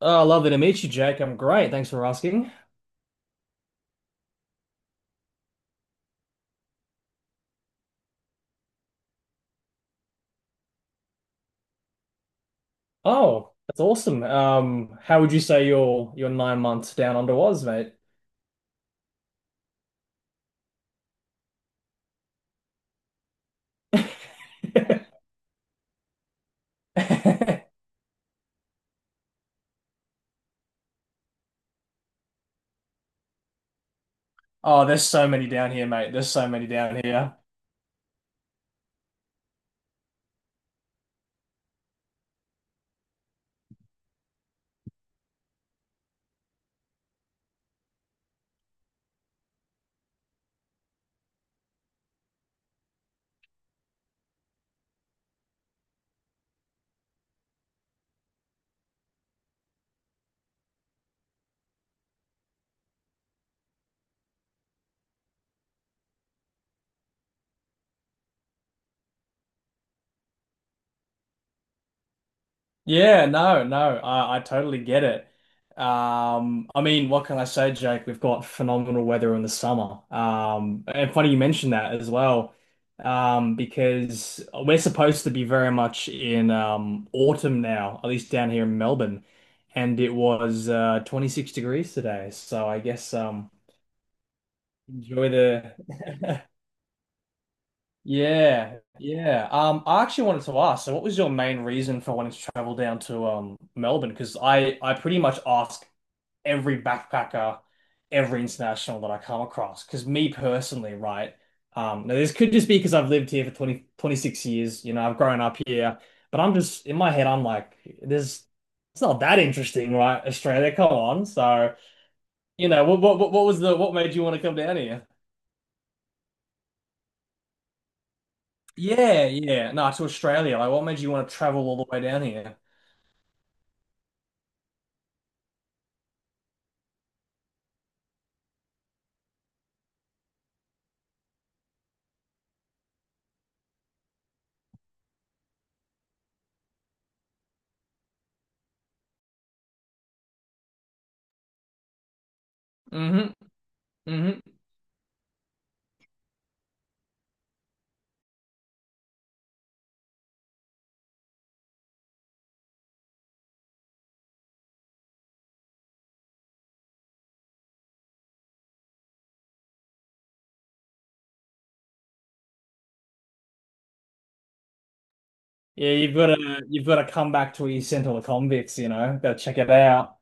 Oh, lovely to meet you, Jake. I'm great. Thanks for asking. Oh, that's awesome. How would you say your 9 months down under was, mate? Oh, there's so many down here, mate. There's so many down here. Yeah, no, no, I totally get it. I mean, what can I say, Jake? We've got phenomenal weather in the summer. And funny you mentioned that as well, because we're supposed to be very much in autumn now, at least down here in Melbourne, and it was 26 degrees today. So I guess enjoy the Yeah, yeah. I actually wanted to ask, so what was your main reason for wanting to travel down to Melbourne? Because I pretty much ask every backpacker, every international that I come across. Because me personally, right? Now this could just be because I've lived here for 20 26 years. You know, I've grown up here, but I'm just in my head, I'm like, there's it's not that interesting, right? Australia, come on. So, you know, what was the what made you want to come down. Yeah, yeah. No, to Australia. Like, what made you want to travel all the way down here? Hmm. Hmm. Yeah, you've got to come back to where you sent all the convicts. Go check it out.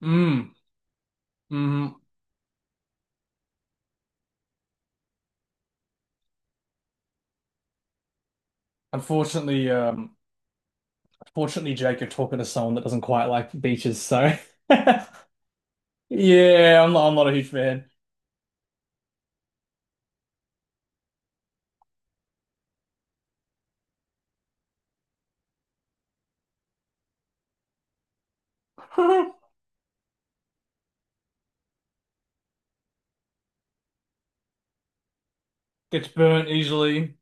Mm. Hmm. Unfortunately, um, unfortunately, Jake, you're talking to someone that doesn't quite like beaches, so yeah, I'm not a huge fan. Gets burnt easily.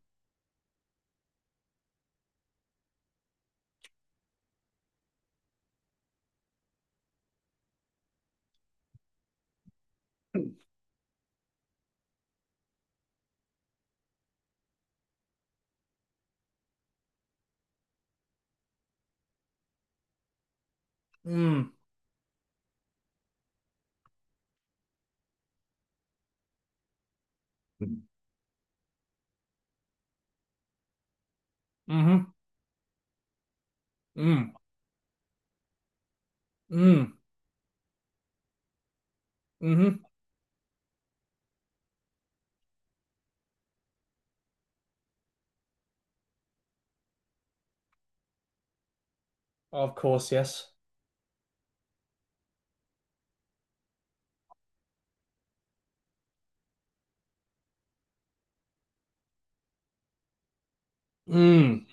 Mm. Mm-hmm. Mm. Mm. Mm-hmm. Of course, yes. Mm.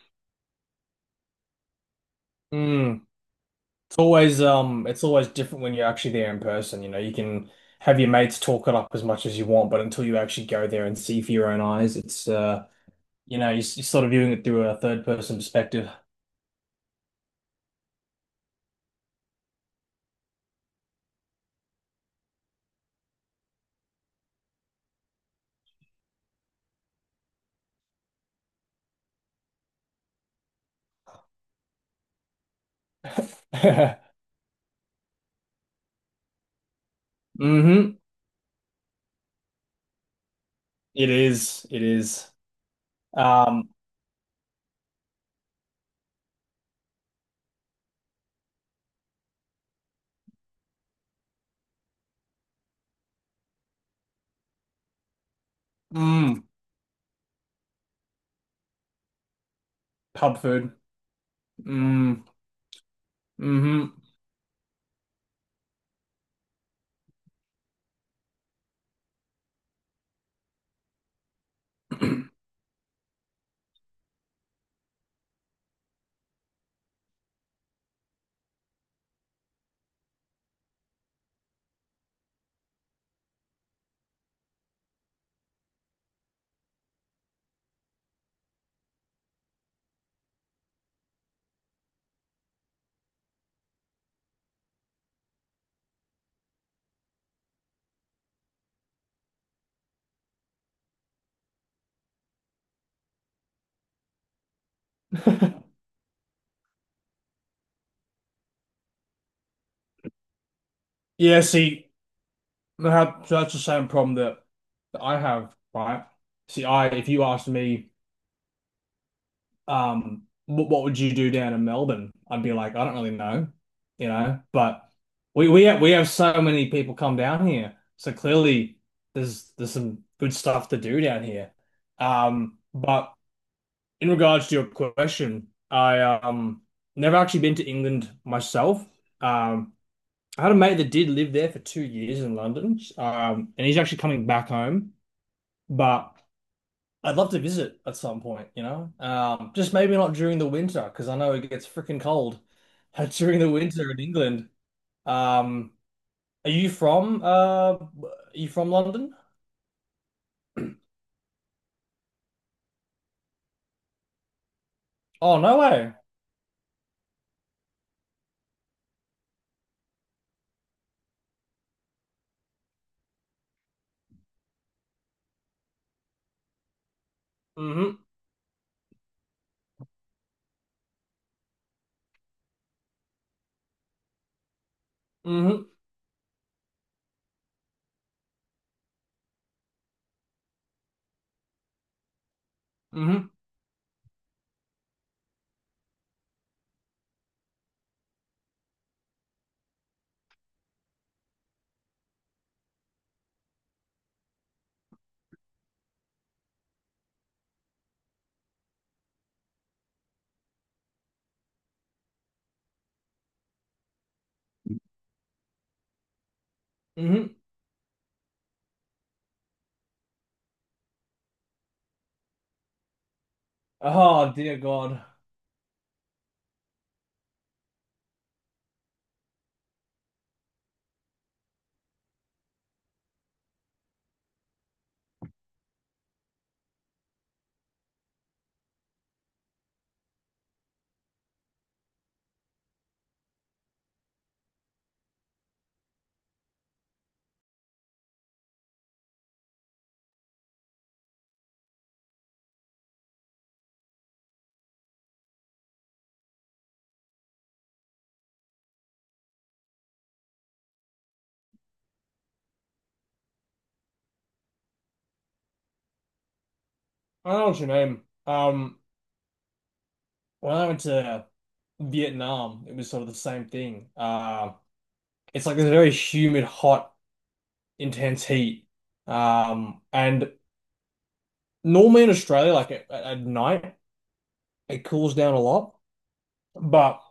Mm. always it's always different when you're actually there in person. You know, you can have your mates talk it up as much as you want, but until you actually go there and see for your own eyes, it's you're sort of viewing it through a third person perspective. Mm-hmm. It is. It is. Um, mm, pub food. Mm, mm-hmm. Yeah, see, that's the same problem that I have, right? See, I if you asked me, would you do down in Melbourne? I'd be like, I don't really know. But we have so many people come down here, so clearly there's some good stuff to do down here. But in regards to your question, I never actually been to England myself. Um, I had a mate that did live there for 2 years in London, and he's actually coming back home, but. I'd love to visit at some point, you know? Just maybe not during the winter, because I know it gets freaking cold during the winter in England. Um, are you from London? Oh, no way. Mm-hmm. Mm-hmm. Mm-hmm. Mm-hmm. Oh, dear God. I don't know what you mean. Um, when I went to Vietnam, it was sort of the same thing. It's like this very humid, hot, intense heat. And normally in Australia, like at night, it cools down a lot. But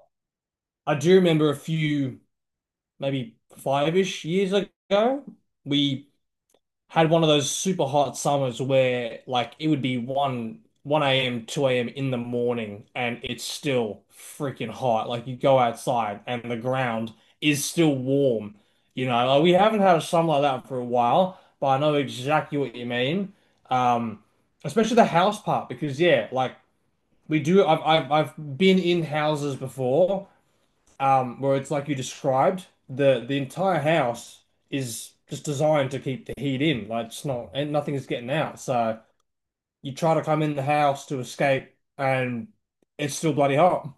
I do remember a few, maybe five-ish years ago, we had one of those super hot summers where like it would be 1 a.m., 2 a.m. in the morning, and it's still freaking hot. Like you go outside and the ground is still warm. You know, like we haven't had a summer like that for a while, but I know exactly what you mean. Um, especially the house part, because yeah, like we do. I've been in houses before, where it's like you described. The entire house is just designed to keep the heat in. Like it's not, and nothing is getting out. So you try to come in the house to escape, and it's still bloody hot.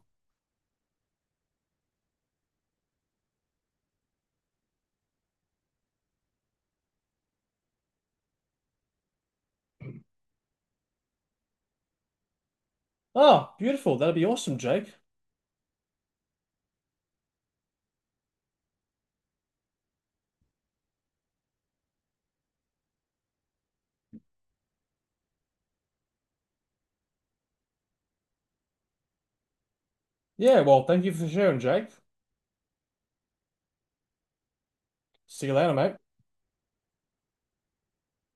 Oh, beautiful. That'd be awesome, Jake. Yeah. Well, thank you for sharing, Jake. See you later, mate.